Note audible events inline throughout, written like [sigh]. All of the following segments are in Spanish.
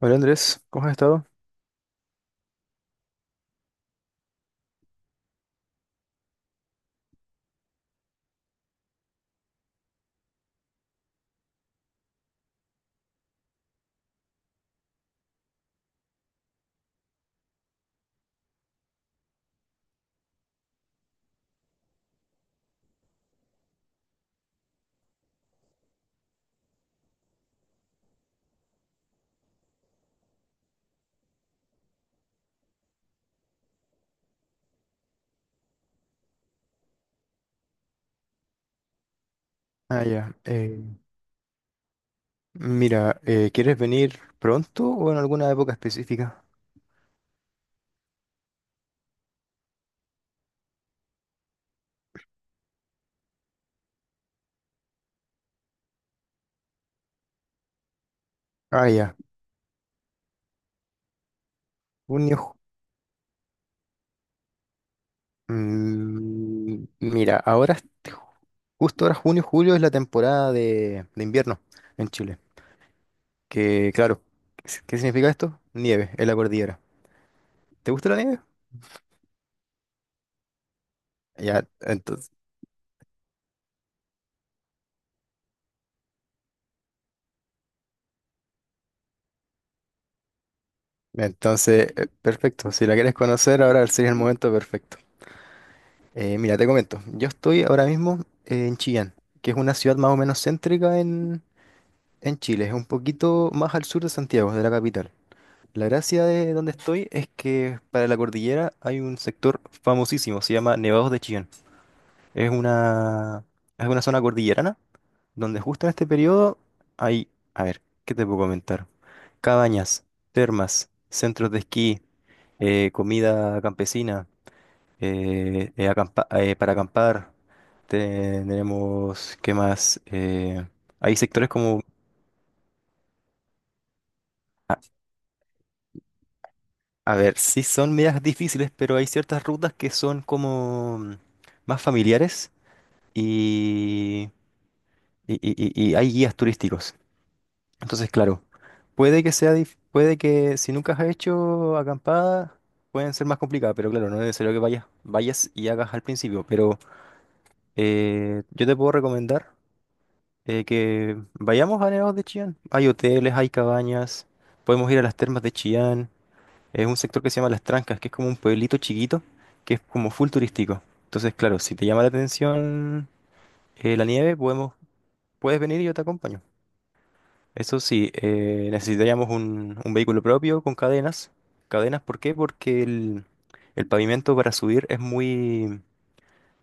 Hola, Andrés, ¿cómo has estado? Ah, ya. eh, Mira, ¿quieres venir pronto o en alguna época específica? Ah, ya. Junio. Mira, justo ahora junio, julio es la temporada de invierno en Chile. Que claro, ¿qué si- qué significa esto? Nieve en la cordillera. ¿Te gusta la nieve? Ya, entonces, perfecto. Si la quieres conocer, ahora sería el momento perfecto. Mira, te comento. Yo estoy ahora mismo en Chillán, que es una ciudad más o menos céntrica en Chile, es un poquito más al sur de Santiago, de la capital. La gracia de donde estoy es que para la cordillera hay un sector famosísimo, se llama Nevados de Chillán. Es una, es una zona cordillerana donde justo en este periodo hay, a ver, ¿qué te puedo comentar? Cabañas, termas, centros de esquí, comida campesina, para acampar. Tenemos, ¿qué más? Hay sectores como... ah, a ver, sí son medias difíciles, pero hay ciertas rutas que son como más familiares y, y, y hay guías turísticos. Entonces, claro, puede que sea, puede que si nunca has hecho acampada, pueden ser más complicadas, pero claro, no es necesario que vayas y hagas al principio. Pero yo te puedo recomendar que vayamos a Nevados de Chillán. Hay hoteles, hay cabañas, podemos ir a las termas de Chillán. Es un sector que se llama Las Trancas, que es como un pueblito chiquito, que es como full turístico. Entonces, claro, si te llama la atención la nieve, puedes venir y yo te acompaño. Eso sí, necesitaríamos un vehículo propio con cadenas. ¿Cadenas por qué? Porque el pavimento para subir es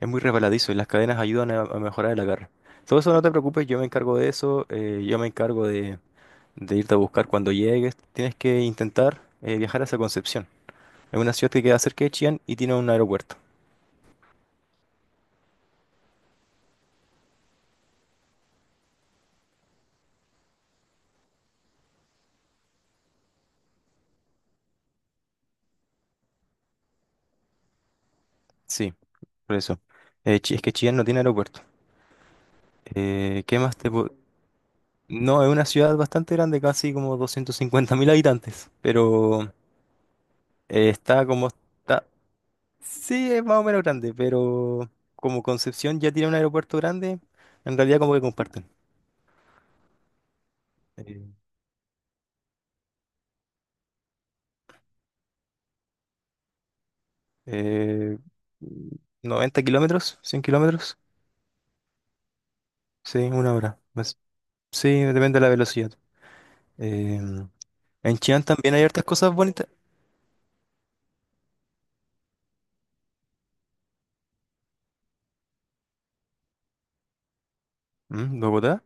es muy resbaladizo y las cadenas ayudan a mejorar el agarre. Todo eso no te preocupes, yo me encargo de eso, yo me encargo de irte a buscar cuando llegues. Tienes que intentar viajar hacia Concepción. Es una ciudad que queda cerca de Chillán y tiene un aeropuerto. Sí, por eso. Es que Chillán no tiene aeropuerto. ¿Qué más te puedo...? No, es una ciudad bastante grande, casi como 250.000 habitantes, pero está como está... Sí, es más o menos grande, pero como Concepción ya tiene un aeropuerto grande, en realidad como que comparten. Eh, eh, 90 kilómetros, 100 kilómetros, sí, una hora. Pues, sí, depende de la velocidad. Em, en Chillán también hay hartas cosas bonitas. ¿Mm? ¿Bogotá?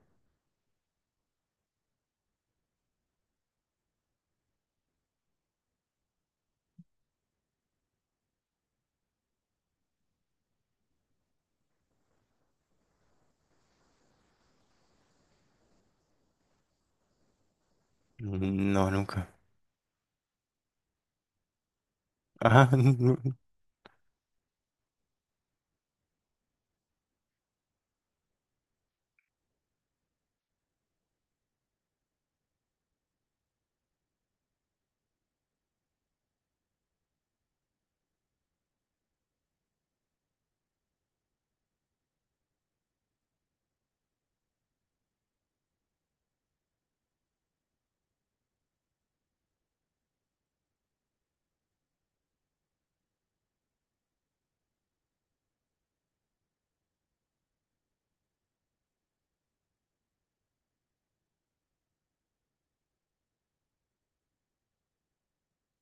No, nunca. Ajá. [laughs]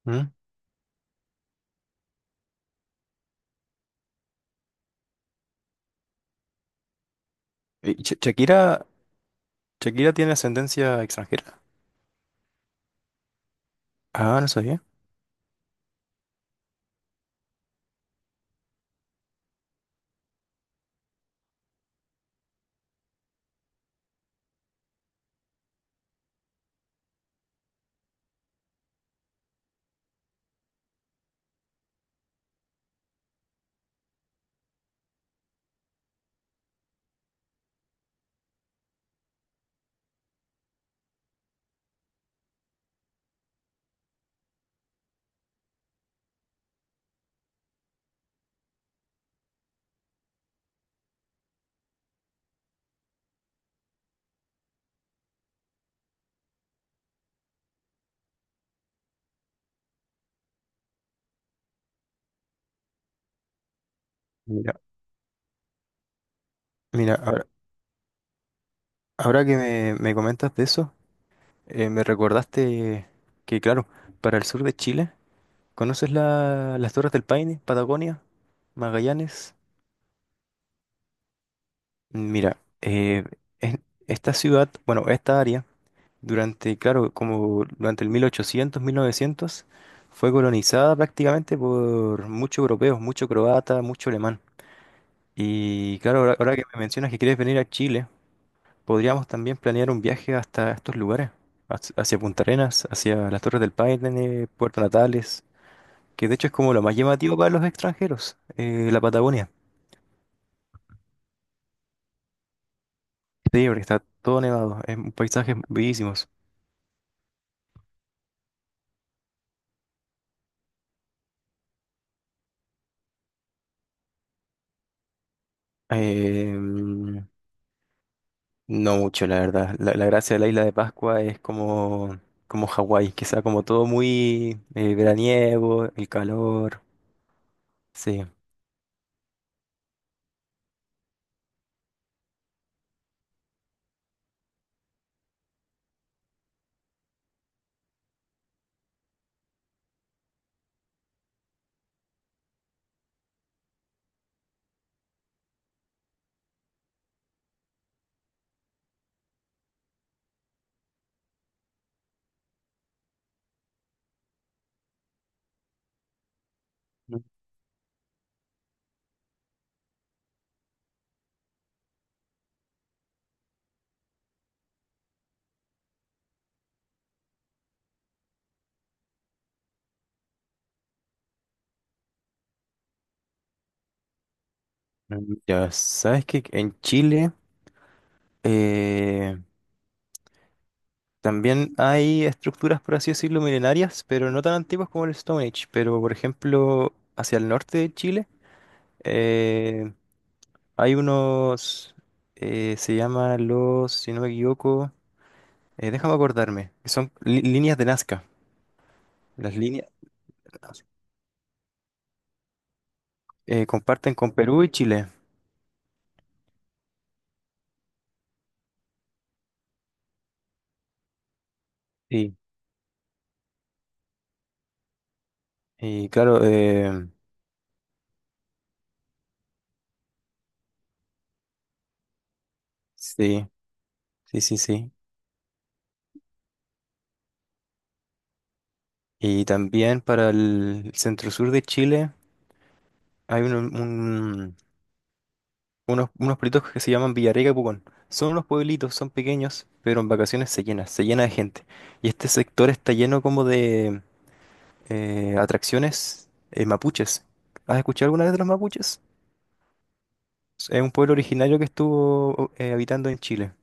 ¿Mm? ¿Y Shakira, Shakira tiene ascendencia extranjera? Ah, no sabía. Mira, ahora, ahora que me comentas de eso, me recordaste que, claro, para el sur de Chile, ¿conoces las Torres del Paine, Patagonia, Magallanes? Mira, es- esta ciudad, bueno, esta área durante, claro, como durante el 1800, 1900, fue colonizada prácticamente por muchos europeos, mucho croata, mucho alemán. Y claro, ahora que me mencionas que quieres venir a Chile, podríamos también planear un viaje hasta estos lugares, hacia Punta Arenas, hacia las Torres del Paine, Puerto Natales, que de hecho es como lo más llamativo para los extranjeros, la Patagonia. Sí, porque está todo nevado, es un paisajes bellísimos. Eh, No mucho, la verdad. La gracia de la isla de Pascua es como, como Hawái, que sea como todo muy veraniego, el calor. Sí. Mm, ya sabes que en Chile eh, también hay estructuras, por así decirlo, milenarias, pero no tan antiguas como el Stone Age. Pero, por ejemplo, hacia el norte de Chile eh, hay se llaman los, si no me equivoco, déjame acordarme, que son líneas de Nazca. Las líneas. Comparten con Perú y Chile. Sí. Y claro, sí, sí, sí, sí. Y también para el centro sur de Chile hay unos pueblitos que se llaman Villarrica y Pucón. Son unos pueblitos, son pequeños, pero en vacaciones se llena de gente. Y este sector está lleno como de atracciones mapuches. ¿Has escuchado alguna vez de los mapuches? Es un pueblo originario que estuvo habitando en Chile.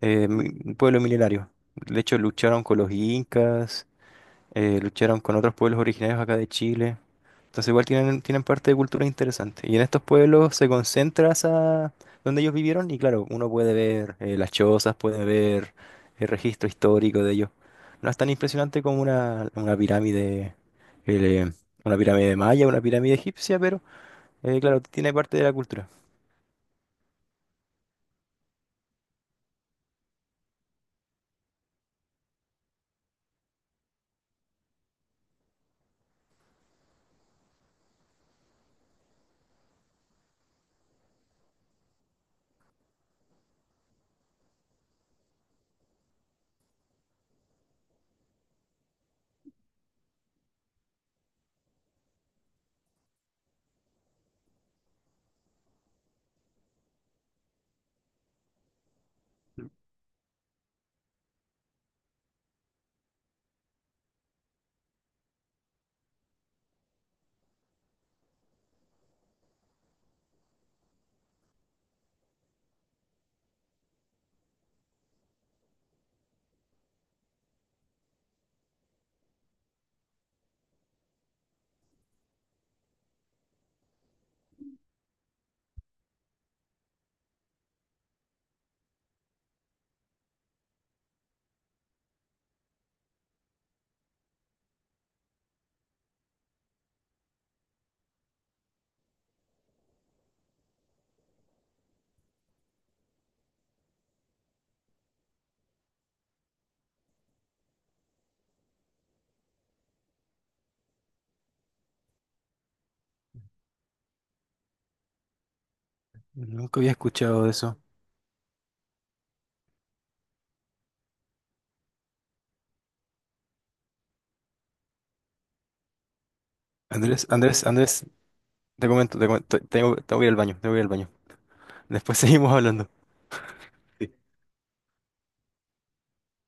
Un pueblo milenario. De hecho, lucharon con los incas, lucharon con otros pueblos originarios acá de Chile. Entonces, igual tienen parte de cultura interesante. Y en estos pueblos se concentra donde ellos vivieron y claro, uno puede ver las chozas, puede ver el registro histórico de ellos. No es tan impresionante como eh, una pirámide maya, una pirámide egipcia, pero claro, tiene parte de la cultura. Nunca había escuchado de eso. Andrés, Andrés, te comento, tengo, tengo que ir al baño, tengo que ir al baño. Después [laughs] seguimos hablando.